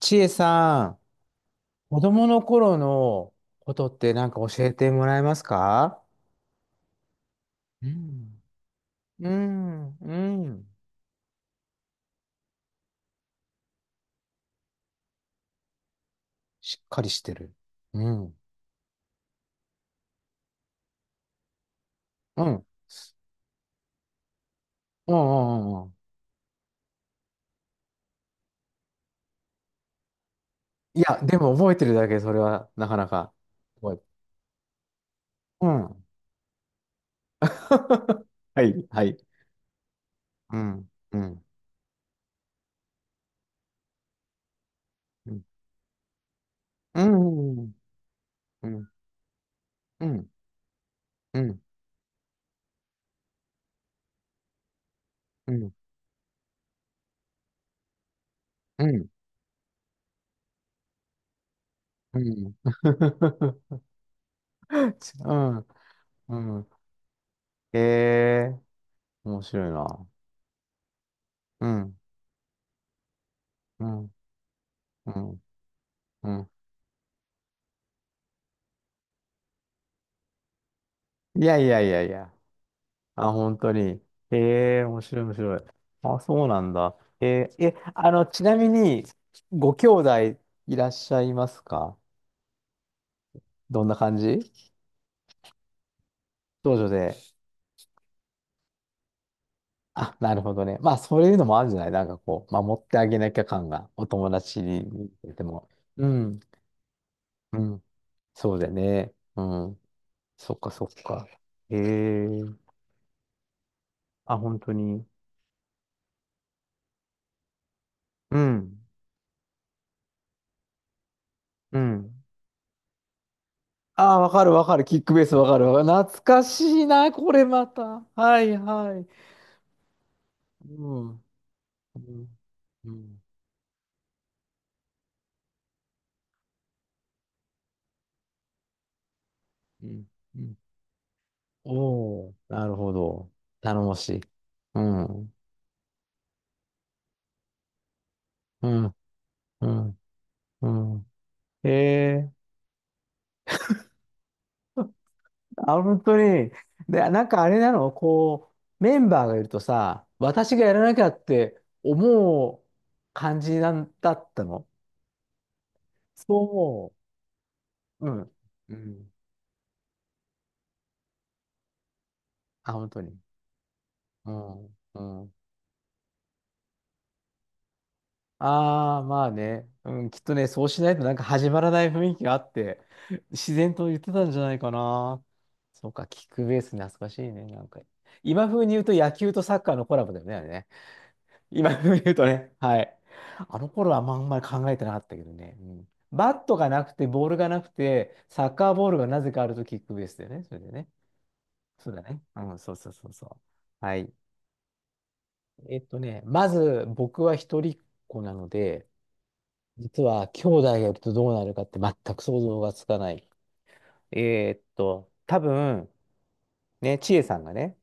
ちえさん、子供の頃のことってなんか教えてもらえますか？うん。うん、うん。しっかりしてる。うん。うん。うん、うん、うんうん。いや、でも覚えてるだけ、それはなかなか。すごい。うん。はい、はい。うん、うん、うん。うん、うん、うん、うん、うん、うん、うん。うんうん。うんうんうんうんうんうんうんうんうんうん。ええ、面白いな。うん。うん。うん、うん。いやいやいやいや。あ、本当に。ええ、面白い面白い。あ、そうなんだ。えー、え、あの、ちなみに、ご兄弟いらっしゃいますか？どんな感じ？長女で。あ、なるほどね。まあ、そういうのもあるんじゃない、なんかこう、守ってあげなきゃ感が、お友達に出ても。うん、うん。そうだよね。うん。そっかそっか。ええ、あ、本当に。うん、うん。ああ、わかるわかる。キックベースわかるわかる。懐かしいな、これまた。はいはい。うん。うん。うん。うん。うん。おおー、なるほど。頼もしい。うん。うん。うん。うん。へえ。あ、本当に。で、なんかあれなのこう、メンバーがいるとさ、私がやらなきゃって思う感じなんだったの？そう。うん。うん。あ、本当に。うん。うん。ああ、まあね。うん、きっとね、そうしないとなんか始まらない雰囲気があって、自然と言ってたんじゃないかな。そうか、キックベース懐かしいね、なんか。今風に言うと野球とサッカーのコラボだよね、あれね。今風に言うとね、はい。あの頃はあんまり考えてなかったけどね。うん、バットがなくて、ボールがなくて、サッカーボールがなぜかあるとキックベースだよね、それでね。そうだね。うん、そうそうそうそう。はい。まず僕は一人っ子なので、実は兄弟がいるとどうなるかって全く想像がつかない。多分、ね、千恵さんがね、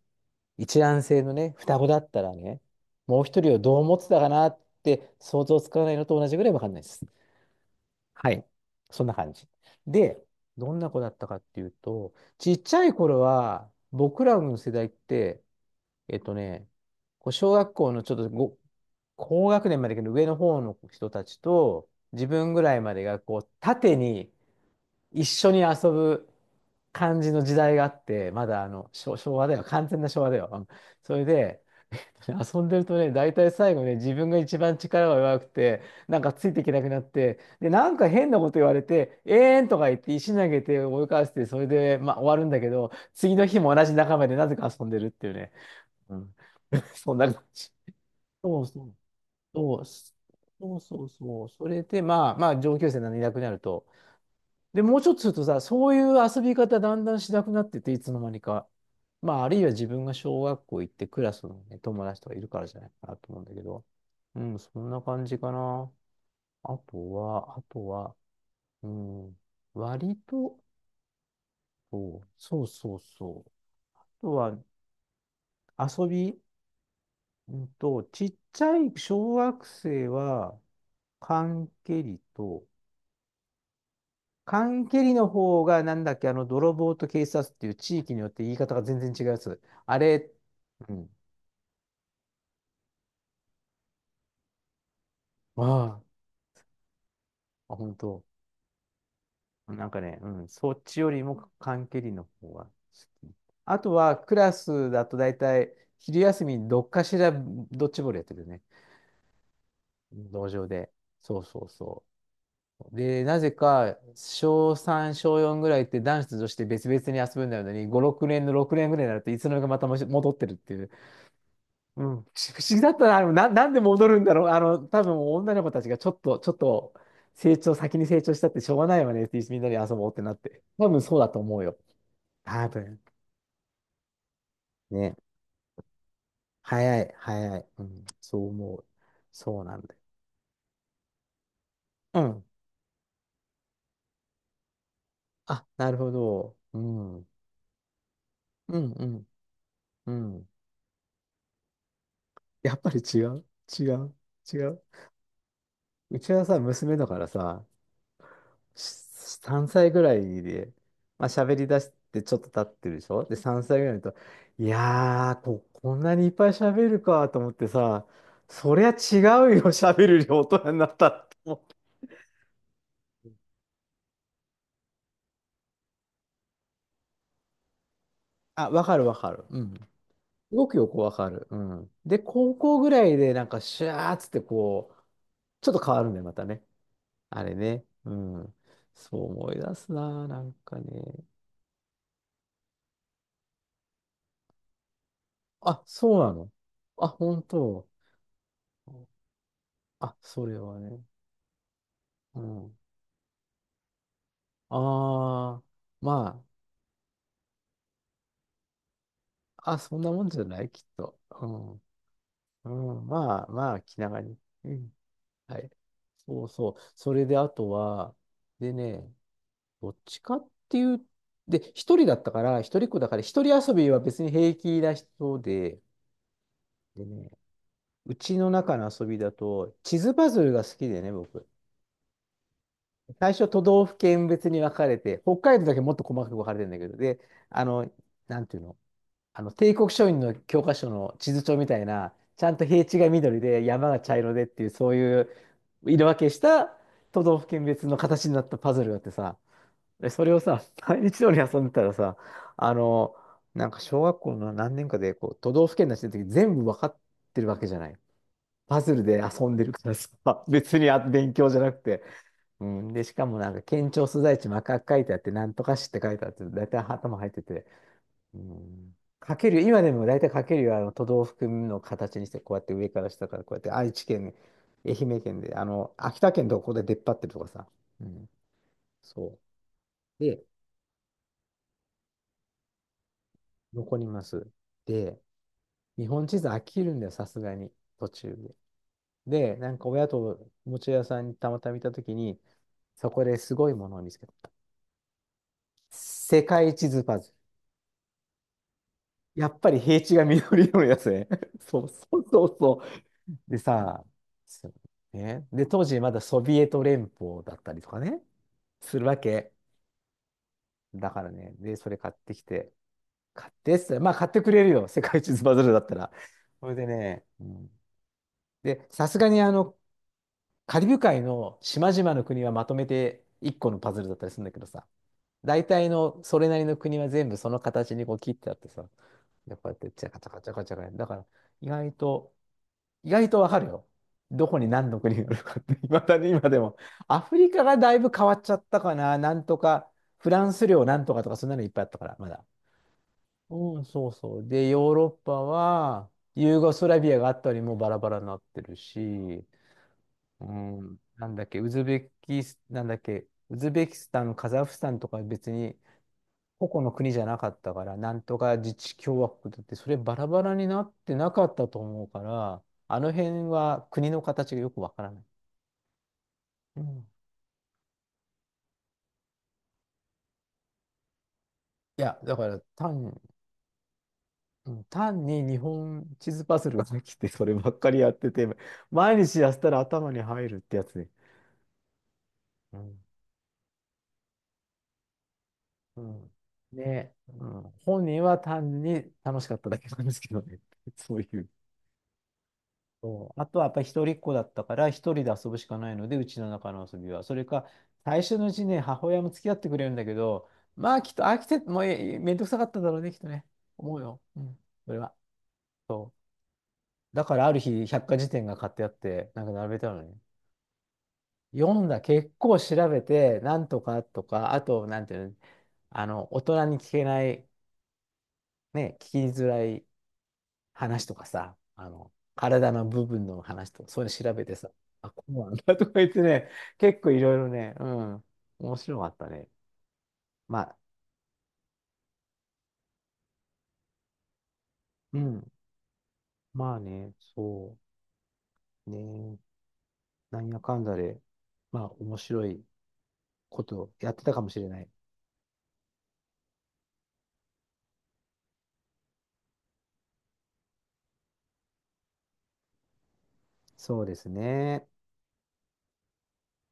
一卵性のね、双子だったらね、もう一人をどう思ってたかなって想像つかないのと同じぐらいわかんないです。はい。そんな感じ。で、どんな子だったかっていうと、ちっちゃい頃は、僕らの世代って、えっとね、こう小学校のちょっとご高学年までの上の方の人たちと、自分ぐらいまでがこう縦に一緒に遊ぶ感じの時代があって、まだあの、昭和だよ。完全な昭和だよ。うん。それで、遊んでるとね、大体最後ね、自分が一番力が弱くて、なんかついていけなくなって、で、なんか変なこと言われて、えーんとか言って石投げて追い返して、それで、まあ、終わるんだけど、次の日も同じ仲間でなぜか遊んでるっていうね。うん。そんな感じ。そうそう。そうそうそうそう。それで、まあ、まあ、上級生なのにいなくなると、で、もうちょっとするとさ、そういう遊び方だんだんしなくなってて、いつの間にか。まあ、あるいは自分が小学校行ってクラスのね、友達とかいるからじゃないかなと思うんだけど。うん、そんな感じかな。あとは、うん、割と、そうそうそうそう。あとは、遊び、ちっちゃい小学生は、缶蹴りと、缶蹴りの方が、なんだっけ、あの、泥棒と警察っていう地域によって言い方が全然違うやつ。あれ、うん。ああ、あ、本当。なんかね、うん、そっちよりも缶蹴りの方が好き。あとは、クラスだと大体、昼休みにどっかしらドッジボールやってるよね。道場で。そうそうそう。で、なぜか、小3、小4ぐらいって男子と女子って別々に遊ぶんだよね。5、6年の6年ぐらいになると、いつの間にかまた戻ってるっていう。うん、不思議だったな。あのな、なんで戻るんだろう。あの、多分女の子たちがちょっと成長、先に成長したってしょうがないわねって、みんなで遊ぼうってなって。多分そうだと思うよ。多分。ね。早い、早い。うん、そう思う。そうなんだよ。うん。あ、なるほど。うん。うん、うん、うん。やっぱり違う違う違う。うちはさ、娘だからさ、3歳ぐらいで、まあ、喋り出してちょっと経ってるでしょ。で、3歳ぐらいだと、いやー、こんなにいっぱい喋るかと思ってさ、そりゃ違うよ、喋る量大人になったって思って。あ、わかるわかる。うん。すごくよくわかる。うん。で、高校ぐらいでなんかシャーっつってこう、ちょっと変わるんだよ、またね。あれね。うん。そう思い出すなあなんかね。あ、そうなの。あ、本当。あ、それはね。うん。ああ、まあ、あ、そんなもんじゃない、きっと。うん。うん、まあ、まあ、気長に。うん。はい。そうそう。それで、あとは、でね、どっちかっていう、で、一人だったから、一人っ子だから、一人遊びは別に平気な人で、でね、うちの中の遊びだと、地図パズルが好きでね、僕。最初、都道府県別に分かれて、北海道だけもっと細かく分かれてるんだけど、で、あの、なんていうの、帝国書院の教科書の地図帳みたいな、ちゃんと平地が緑で山が茶色でっていう、そういう色分けした都道府県別の形になったパズルがあってさ、で、それをさ、毎日のように遊んでたらさ、あの、なんか小学校の何年かでこう都道府県出してる時全部分かってるわけじゃない。パズルで遊んでるからさ、別に勉強じゃなくて。うん、で、しかもなんか県庁所在地真っ赤く書いてあって、なんとか市って書いてあって、だいたい頭入ってて、うん。かける、今でも大体かけるよ、あの都道府県の形にして、こうやって上から下からこうやって愛知県、愛媛県で、あの、秋田県どこで出っ張ってるとかさ。うん。そう。で、残ります。で、日本地図飽きるんだよ、さすがに、途中で。で、なんか親とおもちゃ屋さんにたまたま見たときに、そこですごいものを見つけた。世界地図パズル。やっぱり平地が緑色のやつね。そうそうそう。でさ、そうね。で、当時まだソビエト連邦だったりとかね、するわけ。だからね、で、それ買ってきて、買ってっつったらまあ買ってくれるよ、世界地図バズるだったら。それでね、うん、で、さすがにあの、カリブ海の島々の国はまとめて1個のパズルだったりするんだけどさ、大体のそれなりの国は全部その形にこう切ってあってさ、でこうやってチャカチャカチャカチャカやるだから、意外と、意外とわかるよ。どこに何の国があるかって、いまだに今でも。アフリカがだいぶ変わっちゃったかな。なんとか、フランス領なんとかとか、そんなのいっぱいあったから、まだ。うん、そうそう。で、ヨーロッパは、ユーゴスラビアがあったりもうバラバラになってるし、うん、なんだっけ、ウズベキス、なんだっけ、ウズベキスタン、カザフスタンとか別に個々の国じゃなかったから、なんとか自治共和国だって、それバラバラになってなかったと思うから、あの辺は国の形がよくわからない。うん、いや、だから単、うん単に日本地図パズルができて、そればっかりやってて、毎日やったら頭に入るってやつで。うんうんね、うん、本人は単に楽しかっただけなんですけどね。そういう。そう。あとはやっぱり一人っ子だったから、一人で遊ぶしかないので、うちの中の遊びは。それか、最初のうちね、母親も付き合ってくれるんだけど、まあ、きっと飽きて、もうええめんどくさかっただろうね、きっとね。思うよ。うん。それは。そう。だから、ある日、百科事典が買ってあって、なんか並べたのね。読んだ、結構調べて、なんとかとか、あと、なんていうの、あの、大人に聞けない、ね、聞きづらい話とかさ、あの、体の部分の話とか、そういうの調べてさ、あ、こうなんだ とか言ってね、結構いろいろね、うん、面白かったね。まあ、うん、まあね、そうね、なんやかんだで、まあ、面白いことをやってたかもしれない。そうですね。